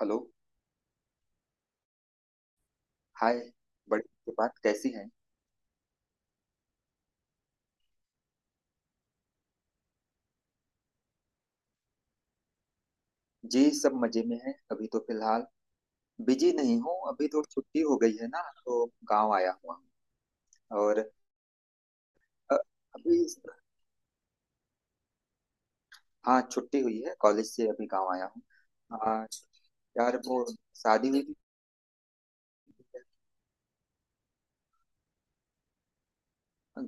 Hello, hi. बड़ी के बात कैसी हैं? जी, सब मजे में हैं। अभी तो फिलहाल बिजी नहीं हूँ। अभी तो छुट्टी हो गई है ना, तो गांव आया हुआ हूँ। और अ, अभी हाँ, छुट्टी हुई है कॉलेज से, अभी गांव आया हूँ। हाँ। यार, वो शादी हुई थी।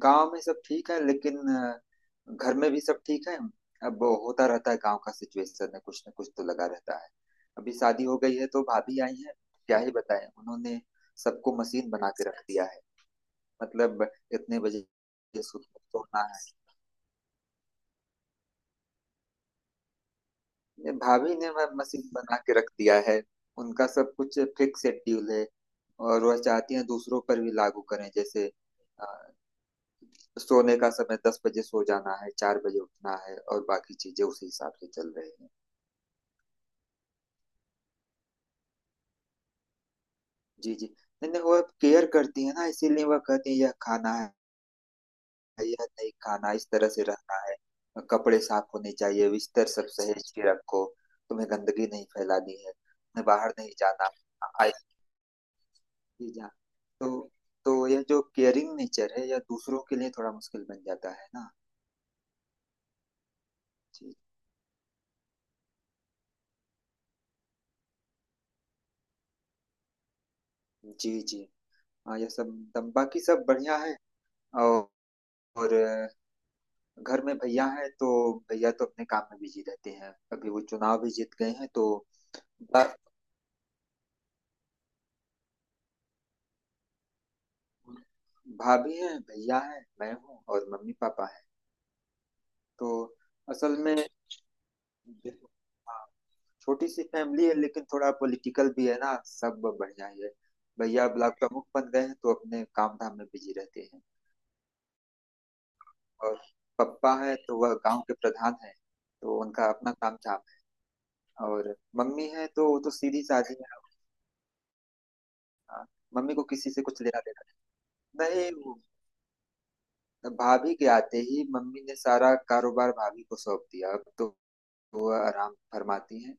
गांव में सब ठीक है, लेकिन घर में भी सब ठीक है। अब वो होता रहता है, गांव का सिचुएशन है, कुछ ना कुछ तो लगा रहता है। अभी शादी हो गई है तो भाभी आई है। क्या ही बताएं, उन्होंने सबको मशीन बना के रख दिया है। मतलब इतने बजे इसको तोड़ना है। ये भाभी ने वह मशीन बना के रख दिया है। उनका सब कुछ फिक्स शेड्यूल है। और वह चाहती हैं दूसरों पर भी लागू करें। जैसे अ, सोने का समय दस बजे, सो जाना है, चार बजे उठना है, और बाकी चीजें उसी हिसाब से चल रही हैं। जी जी। नहीं नहीं, वह केयर करती है ना, इसीलिए वह कहती है यह खाना है, यह नहीं खाना, इस तरह से रहना है। कपड़े साफ होने चाहिए, बिस्तर सब सहेज के रखो, तुम्हें गंदगी नहीं फैलानी है, तुम्हें बाहर नहीं जाना। ऐसे ही जा, तो तो यह जो केयरिंग नेचर है, यह दूसरों के लिए थोड़ा मुश्किल बन जाता है ना। जी जी जी। हाँ, यह सब बाकी सब बढ़िया है। और, और घर में भैया है, तो भैया तो अपने काम में बिजी रहते हैं। अभी वो चुनाव भी जीत गए हैं, तो बा- भाभी है, भैया है, मैं हूँ, और मम्मी पापा है। तो असल में देखो, हाँ, छोटी सी फैमिली है, लेकिन थोड़ा पॉलिटिकल भी है ना। सब बढ़िया ही है। भैया ब्लॉक प्रमुख बन गए हैं, तो अपने काम धाम में बिजी रहते हैं। और पप्पा है तो वह गांव के प्रधान है। तो उनका अपना काम धाम है। और मम्मी है तो वो तो सीधी साधी है। हाँ, मम्मी को किसी से कुछ लेना देना नहीं। नहीं वो भाभी के आते ही मम्मी ने सारा कारोबार भाभी को सौंप दिया। अब तो वो आराम फरमाती हैं।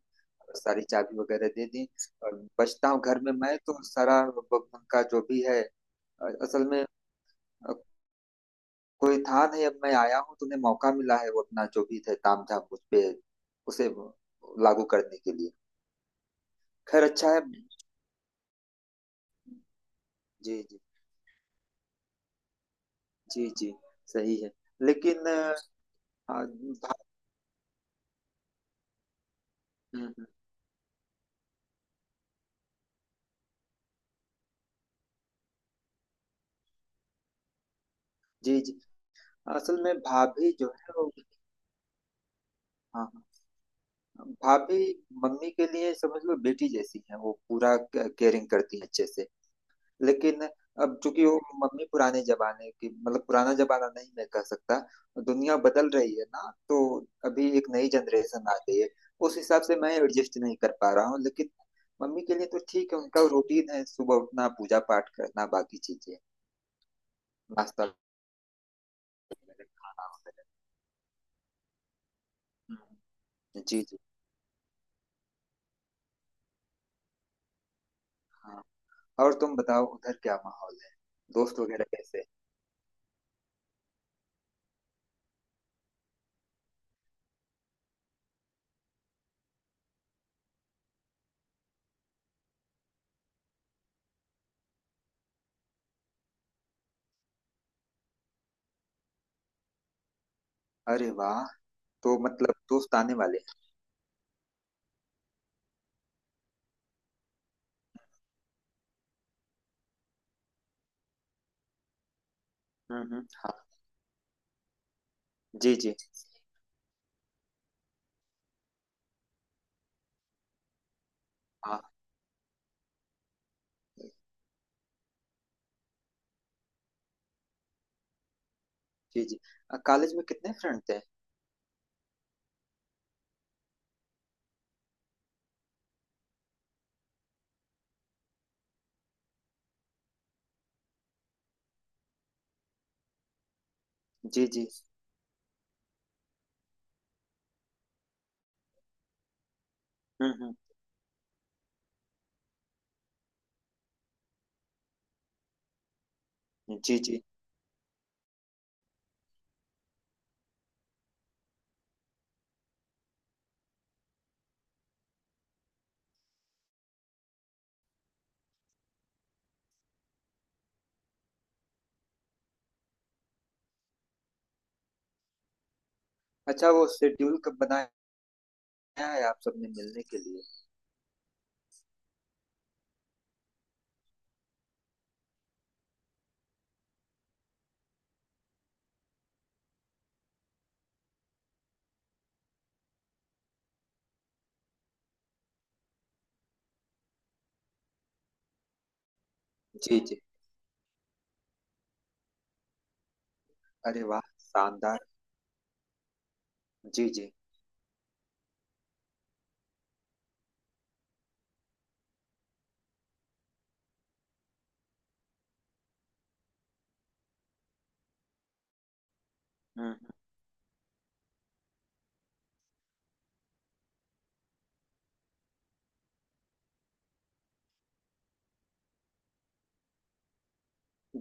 और सारी चाबी वगैरह दे दी। और बचता हूँ घर में मैं, तो सारा उनका जो भी है असल में अ, कोई था नहीं। अब मैं आया हूँ, तो उन्हें मौका मिला है, वो अपना जो भी था तामझाम उस पे उसे लागू करने के लिए। खैर अच्छा है जी जी। जी जी, सही है, लेकिन आ, भा, हम्म, हम्म, जी जी। असल में भाभी जो है वो, हाँ, हाँ, भाभी मम्मी के लिए समझ लो बेटी जैसी है, वो पूरा केयरिंग करती है अच्छे से। लेकिन अब चूंकि वो मम्मी पुराने जमाने की, मतलब पुराना जमाना नहीं मैं कह सकता, दुनिया बदल रही है ना, तो अभी एक नई जनरेशन आ गई है। उस हिसाब से मैं एडजस्ट नहीं कर पा रहा हूँ, लेकिन मम्मी के लिए तो ठीक है। उनका रूटीन है, सुबह उठना, पूजा पाठ करना, बाकी चीजें, नाश्ता वगैरह, खाना वगैरह। हम्म, जी जी। हाँ, और तुम बताओ उधर क्या माहौल है, दोस्त वगैरह कैसे? अरे वाह, तो मतलब दोस्त आने वाले हैं। हम्म, हाँ। जी जी। हाँ। जी जी। कॉलेज में कितने फ्रेंड थे? जी जी। हम्म। जी जी। अच्छा, वो शेड्यूल कब बनाया है आप सबने मिलने के लिए? जी जी। अरे वाह, शानदार। जी जी। हम्म हम्म।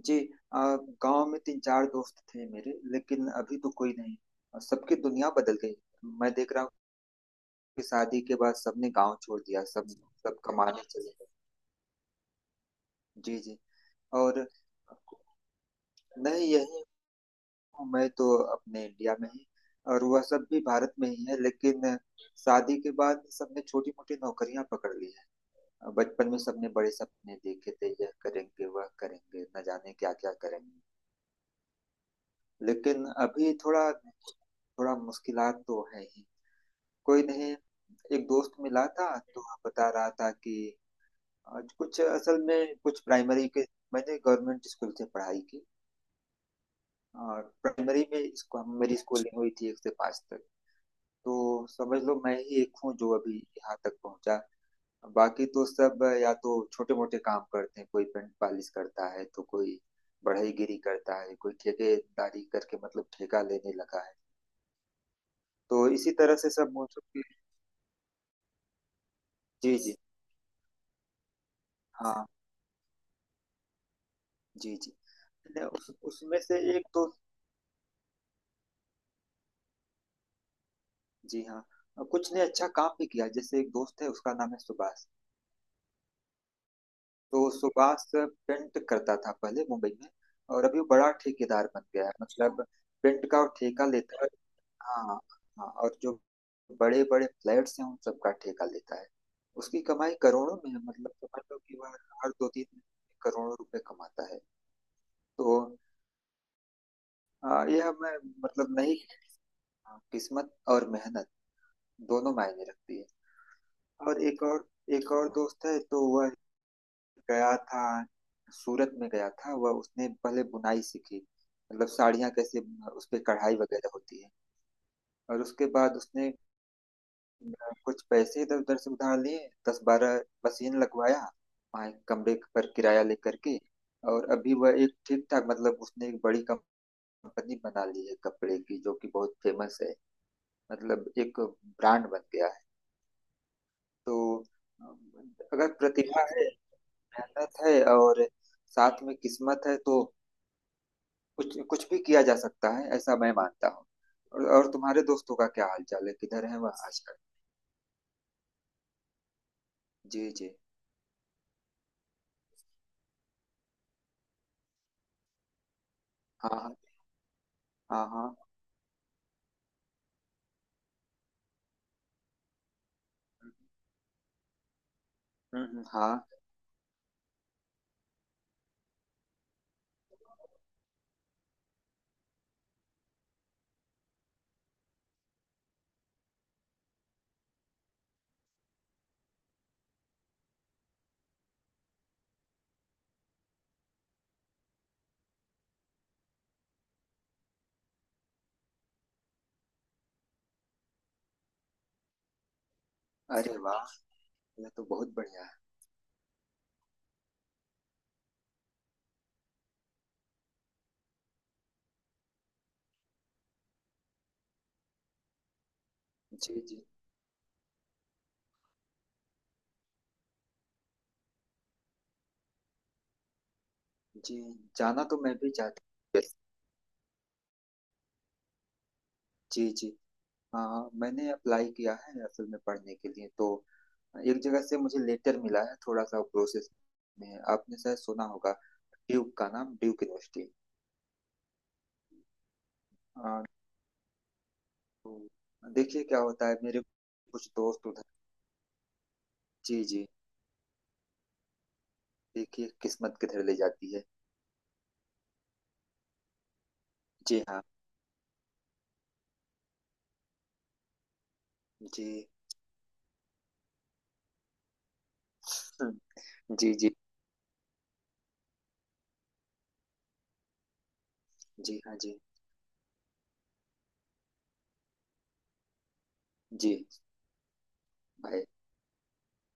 जी, अ, गांव में तीन चार दोस्त थे मेरे, लेकिन अभी तो कोई नहीं। सबकी दुनिया बदल गई। मैं देख रहा हूँ कि शादी के बाद सबने गांव छोड़ दिया, सब सब कमाने चले गए। जी जी। और नहीं, यही हूँ, मैं तो अपने इंडिया में ही। और वह सब भी भारत में ही है, लेकिन शादी के बाद सबने छोटी मोटी नौकरियां पकड़ ली है। बचपन में सबने बड़े सपने देखे थे, यह करेंगे वह करेंगे, न जाने क्या क्या करेंगे, लेकिन अभी थोड़ा, थोड़ा मुश्किलात तो है ही। कोई नहीं। एक दोस्त मिला था, तो वह बता रहा था कि आज कुछ, असल में कुछ प्राइमरी के, मैंने गवर्नमेंट स्कूल से पढ़ाई की। और प्राइमरी में इसको मेरी स्कूलिंग हुई थी एक से पाँच तक। तो समझ लो मैं ही एक हूँ जो अभी यहाँ तक पहुंचा। बाकी तो सब या तो छोटे मोटे काम करते हैं, कोई पेंट पॉलिश करता है, तो कोई बढ़ईगिरी करता है, कोई ठेकेदारी करके, मतलब ठेका लेने लगा है। तो इसी तरह से सब मौसम के। जी जी। हाँ। जी जी ने उसमें से एक दोस्त। जी हाँ, कुछ ने अच्छा काम भी किया। जैसे एक दोस्त है, उसका नाम है सुभाष। तो सुभाष पेंट करता था पहले मुंबई में, और अभी वो बड़ा ठेकेदार बन गया है। मतलब पेंट का वो ठेका लेता है। हाँ हाँ, और जो बड़े बड़े फ्लैट्स हैं, उन सबका ठेका लेता है। उसकी कमाई करोड़ों में है। मतलब समझ लो कि वह हर दो तीन महीने में करोड़ों रुपए कमाता है। तो यह मैं मतलब नहीं, किस्मत और मेहनत दोनों मायने रखती है। और एक एक और दोस्त है, तो वह गया था, सूरत में गया था। वह, उसने पहले बुनाई सीखी, मतलब साड़ियाँ कैसे उस पे कढ़ाई वगैरह होती है। और उसके बाद उसने, मैं कुछ पैसे इधर उधर से उधार लिए, दस बारह मशीन लगवाया वहाँ, एक कमरे पर किराया लेकर के। और अभी वह एक ठीक ठाक, मतलब उसने एक बड़ी कंपनी बना ली है कपड़े की, जो कि बहुत फेमस है। मतलब एक ब्रांड बन गया है। तो अगर प्रतिभा है, मेहनत है और साथ में किस्मत है, तो कुछ कुछ भी किया जा सकता है, ऐसा मैं मानता हूँ। और तुम्हारे दोस्तों का क्या हाल चाल है, किधर है वह आजकल? जी जी। हाँ हाँ हाँ। हाँ। हाँ। अरे वाह, यह तो बहुत बढ़िया है। जी जी। जी, जाना तो मैं भी चाहती। जी जी। हाँ, मैंने अप्लाई किया है, असल में पढ़ने के लिए तो एक जगह से मुझे लेटर मिला है, थोड़ा सा प्रोसेस में। आपने शायद सुना होगा ड्यूक का नाम, ड्यूक यूनिवर्सिटी। हाँ, तो देखिए क्या होता है, मेरे कुछ दोस्त उधर। जी जी। देखिए किस्मत किधर ले जाती है। जी हाँ। जी जी। जी। जी हाँ। जी। जी भाई।